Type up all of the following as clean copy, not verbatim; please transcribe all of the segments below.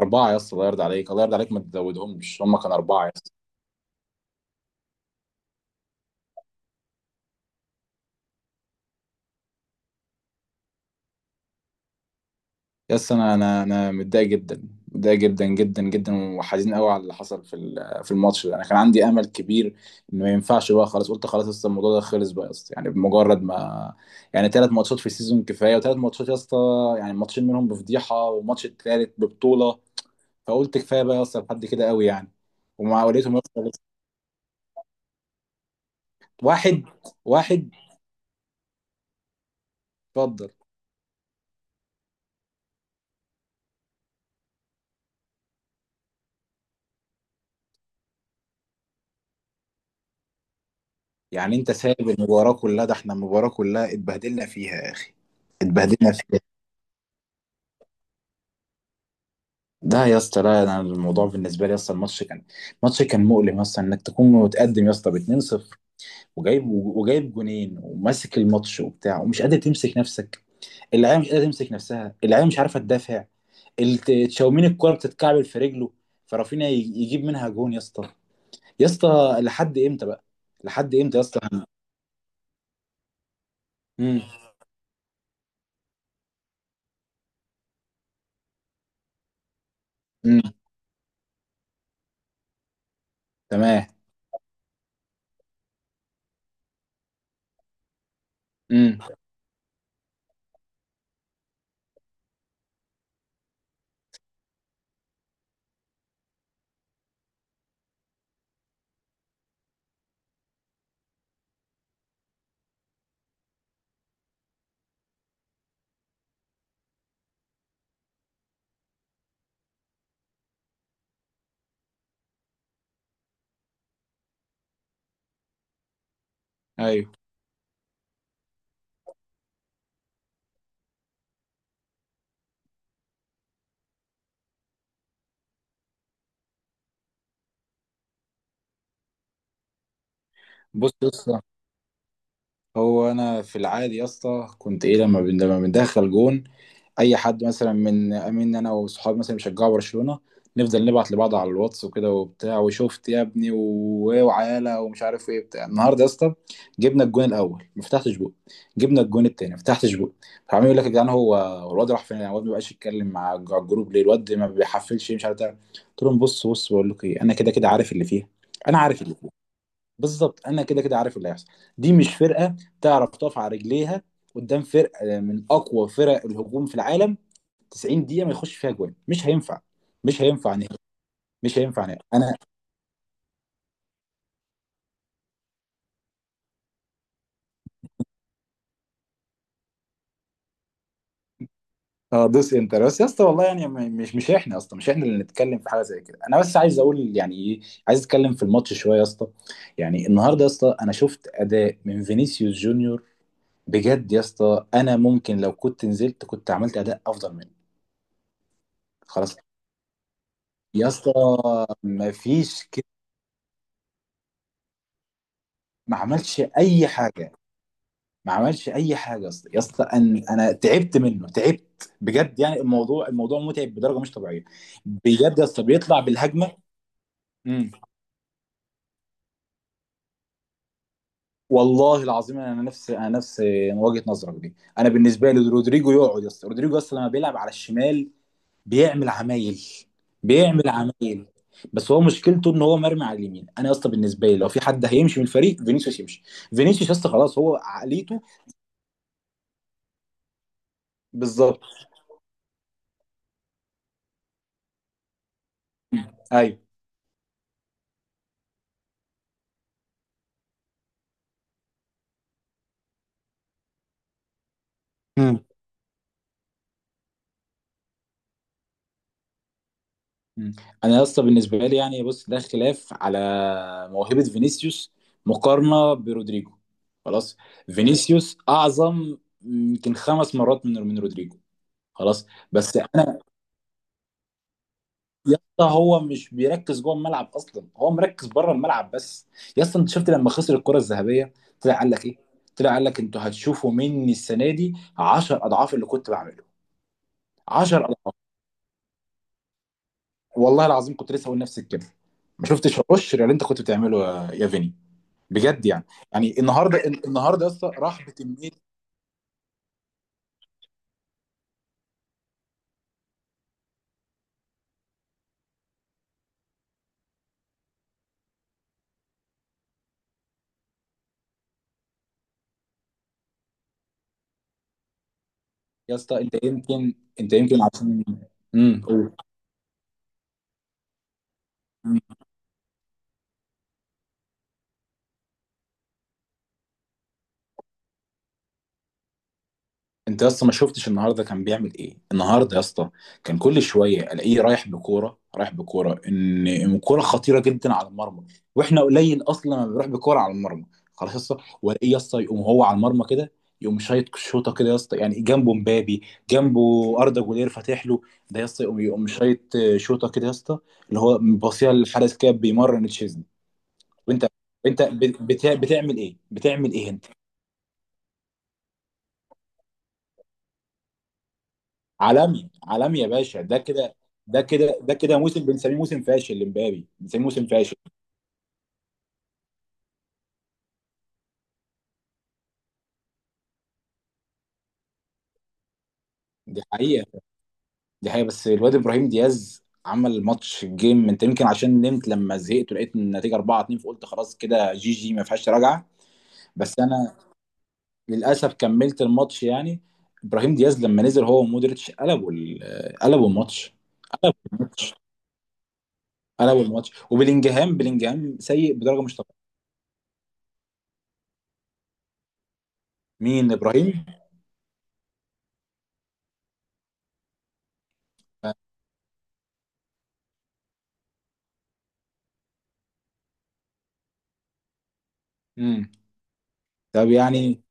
أربعة يا اسطى، الله يرضى عليك، الله يرضى عليك، ما تزودهمش، هم كانوا أربعة يا اسطى. يا اسطى، أنا متضايق جدا، متضايق جدا جدا جدا وحزين قوي على اللي حصل في الماتش ده. أنا كان عندي أمل كبير إن ما ينفعش بقى. خلاص قلت خلاص يا اسطى، الموضوع ده خلص بقى يا اسطى، يعني بمجرد ما. يعني ثلاث ماتشات في السيزون كفاية، وثلاث ماتشات يا اسطى، يعني ماتشين منهم بفضيحة وماتش التالت ببطولة. فقلت كفاية بقى يا اسطى، لحد كده قوي يعني. ومع وليتهم يا اسطى. واحد. واحد. اتفضل. يعني انت سايب المباراة كلها، ده احنا المباراة كلها اتبهدلنا فيها يا اخي. اتبهدلنا فيها. ده يا اسطى، لا انا الموضوع بالنسبة لي يا اسطى، الماتش كان. ماتش كان مؤلم يا اسطى، انك تكون متقدم يا اسطى ب 2-0 وجايب جونين وماسك الماتش وبتاع، ومش قادر تمسك نفسك. اللعيبة مش قادرة تمسك نفسها، اللعيبة مش عارفة تدافع. تشاومين الكرة بتتكعبل في رجله، فرافينيا يجيب منها جون يا اسطى. يا اسطى. لحد امتى بقى؟ لحد امتى يا اسطى؟ امم. امم. تمام. امم. ايوه. بص يا اسطى، هو انا في العادي يا اسطى كنت ايه لما بندخل جون، اي حد مثلا من امين انا وصحابي مثلا بيشجعوا برشلونه، نفضل نبعت لبعض على الواتس وكده وبتاع، وشفت يا ابني وعيالة ومش عارف ايه بتاع النهارده يا اسطى. جبنا الجون الاول ما فتحتش بق. جبنا الجون التاني ما فتحتش بق. فعمال يقول لك يا جدعان، هو الواد راح فين؟ الواد ما بقاش يتكلم مع الجروب ليه؟ الواد ما بيحفلش مش عارف ده. قلت لهم بص بقول لكم ايه، انا كده كده عارف اللي فيها. انا عارف اللي فيها. بالظبط انا كده كده عارف اللي هيحصل. دي مش فرقه تعرف تقف على رجليها قدام فرقه، من اقوى فرق الهجوم في العالم. 90 دقيقه ما يخش فيها جوان مش هينفع. مش هينفع نهائي. مش هينفع نهائي انا. اه دوس انتر بس يا اسطى، والله يعني مش احنا اصلا، مش احنا اللي نتكلم في حاجه زي كده. انا بس عايز اقول يعني ايه. عايز اتكلم في الماتش شويه يا اسطى. يعني النهارده يا اسطى انا شفت اداء من فينيسيوس جونيور، بجد يا اسطى انا ممكن لو كنت نزلت كنت عملت اداء افضل منه. خلاص يا اسطى، مفيش. ما عملش اي حاجه. ما عملش اي حاجه يا اسطى، يا اسطى انا تعبت منه، تعبت بجد يعني. الموضوع متعب بدرجه مش طبيعيه. بجد يا اسطى بيطلع بالهجمه. امم. والله العظيم انا نفس وجهه نظرك دي. انا بالنسبه لي رودريجو يقعد يا اسطى، رودريجو يا اسطى لما بيلعب على الشمال بيعمل عمايل. بيعمل عمايل. بس هو مشكلته ان هو مرمي على اليمين. انا يا اسطى بالنسبه لي لو في حد هيمشي من الفريق فينيسيوس يمشي. فينيسيوس يا اسطى خلاص، هو عقليته. بالظبط. ايوه. مم. انا يا اسطى بالنسبه لي يعني بص ده خلاف على موهبه فينيسيوس مقارنه برودريجو. خلاص، فينيسيوس اعظم يمكن خمس مرات من رودريجو. خلاص. بس انا. يا اسطى هو مش بيركز جوه الملعب اصلا، هو مركز بره الملعب بس. يا اسطى انت شفت لما خسر الكره الذهبيه، طلع قال لك ايه؟ طلع قال لك انتوا هتشوفوا مني السنه دي 10 اضعاف اللي كنت بعمله. 10 اضعاف. والله العظيم كنت لسه هقول نفس الكلمه. ما شفتش القشر اللي انت كنت بتعمله يا فيني، بجد يعني. يعني النهارده يا اسطى راح بكميه. يا اسطى انت يمكن. عشان قول. انت يا اسطى ما شفتش النهارده كان بيعمل ايه النهارده يا اسطى؟ كان كل شويه الاقيه رايح بكوره، رايح بكوره إن كوره خطيره جدا على المرمى. واحنا قليل اصلا ما بنروح بكوره على المرمى خلاص يا اسطى. والاقيه يا اسطى يقوم هو على المرمى كده، يقوم شايط شوطه كده يا اسطى، يعني جنبه مبابي، جنبه اردا جولير فاتح له. ده يا اسطى يقوم شايط شوطه كده يا اسطى، اللي هو باصيها للحارس كده بيمرن تشيزني. وانت، انت بتعمل ايه؟ بتعمل ايه انت؟ عالمي عالمي يا باشا، ده كده موسم بنسميه موسم فاشل لمبابي، بنسميه موسم فاشل. دي حقيقة. دي حقيقة. بس الواد ابراهيم دياز عمل ماتش جيم. انت يمكن عشان نمت لما زهقت ولقيت النتيجة 4-2 فقلت خلاص كده، جي جي ما فيهاش رجعة. بس انا للاسف كملت الماتش يعني. ابراهيم دياز لما نزل هو ومودريتش قلبوا الماتش. قلبوا الماتش. وبلينجهام سيء بدرجة مش طبيعية. مين ابراهيم؟ امم. طب يعني.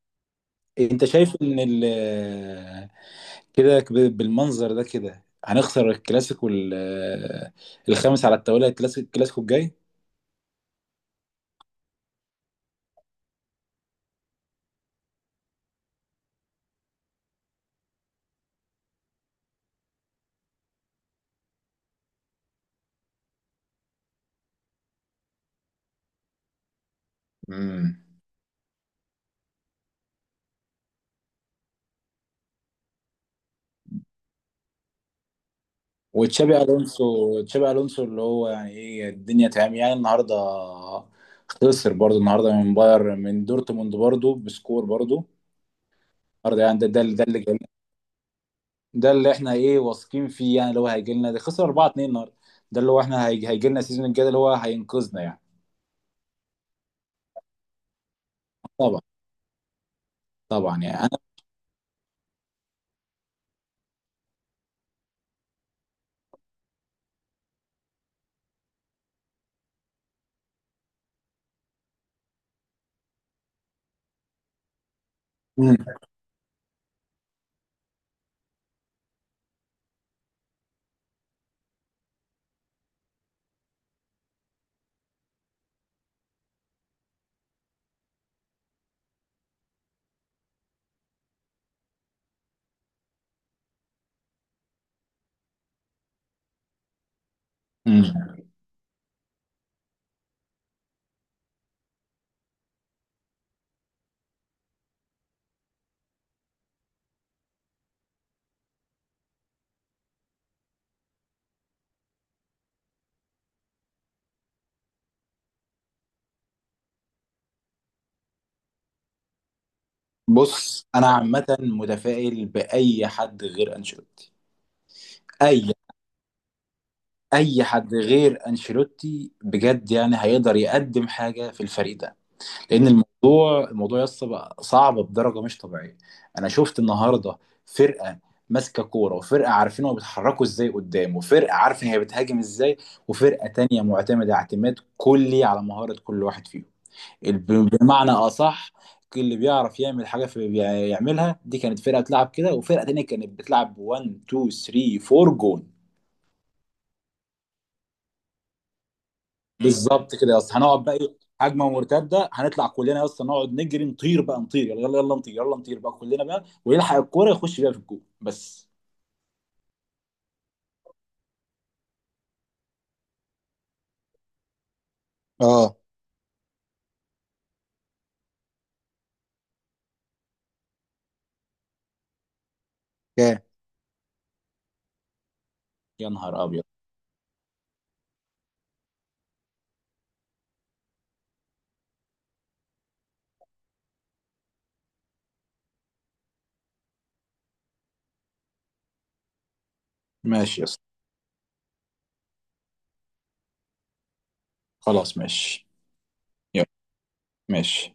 انت شايف ان كده بالمنظر ده كده هنخسر الكلاسيكو الخامس على التوالي، الكلاسيكو الجاي امم. وتشابي الونسو، تشابي الونسو اللي هو يعني ايه الدنيا تمام يعني النهارده، خسر برضه النهارده من باير من دورتموند برضه بسكور برضه النهارده، يعني ده اللي جاي. ده اللي احنا ايه واثقين فيه يعني، اللي هو هيجي لنا ده خسر 4-2 النهارده. ده اللي هو احنا هيجي لنا السيزون الجاي ده اللي هو هينقذنا يعني. طبعا. طبعا يعني انا. مم. بص انا عامه متفائل باي حد غير انشيلوتي. اي. حد غير انشيلوتي بجد يعني هيقدر يقدم حاجه في الفريق ده، لان الموضوع يس بقى صعب بدرجه مش طبيعيه. انا شفت النهارده فرقه، ماسكه كوره وفرقه عارفين هما بيتحركوا ازاي قدام، وفرقه عارفه هي بتهاجم ازاي، وفرقه تانية معتمده اعتماد كلي على مهاره كل واحد فيهم. بمعنى اصح، اللي بيعرف يعمل حاجه يعملها. دي كانت فرقه تلعب كده، وفرقه تانيه كانت بتلعب 1 2 3 4 جون. بالظبط كده يا اسطى، هنقعد بقى ايه هجمه مرتده، هنطلع كلنا يا اسطى نقعد نجري نطير بقى، نطير، يلا يلا يلا نطير، يلا نطير بقى كلنا بقى، ويلحق الكوره يخش بيها في الجون بس. اه. اوكي. يا نهار ابيض. ماشي يا اسطى. خلاص ماشي. يلا. ماشي.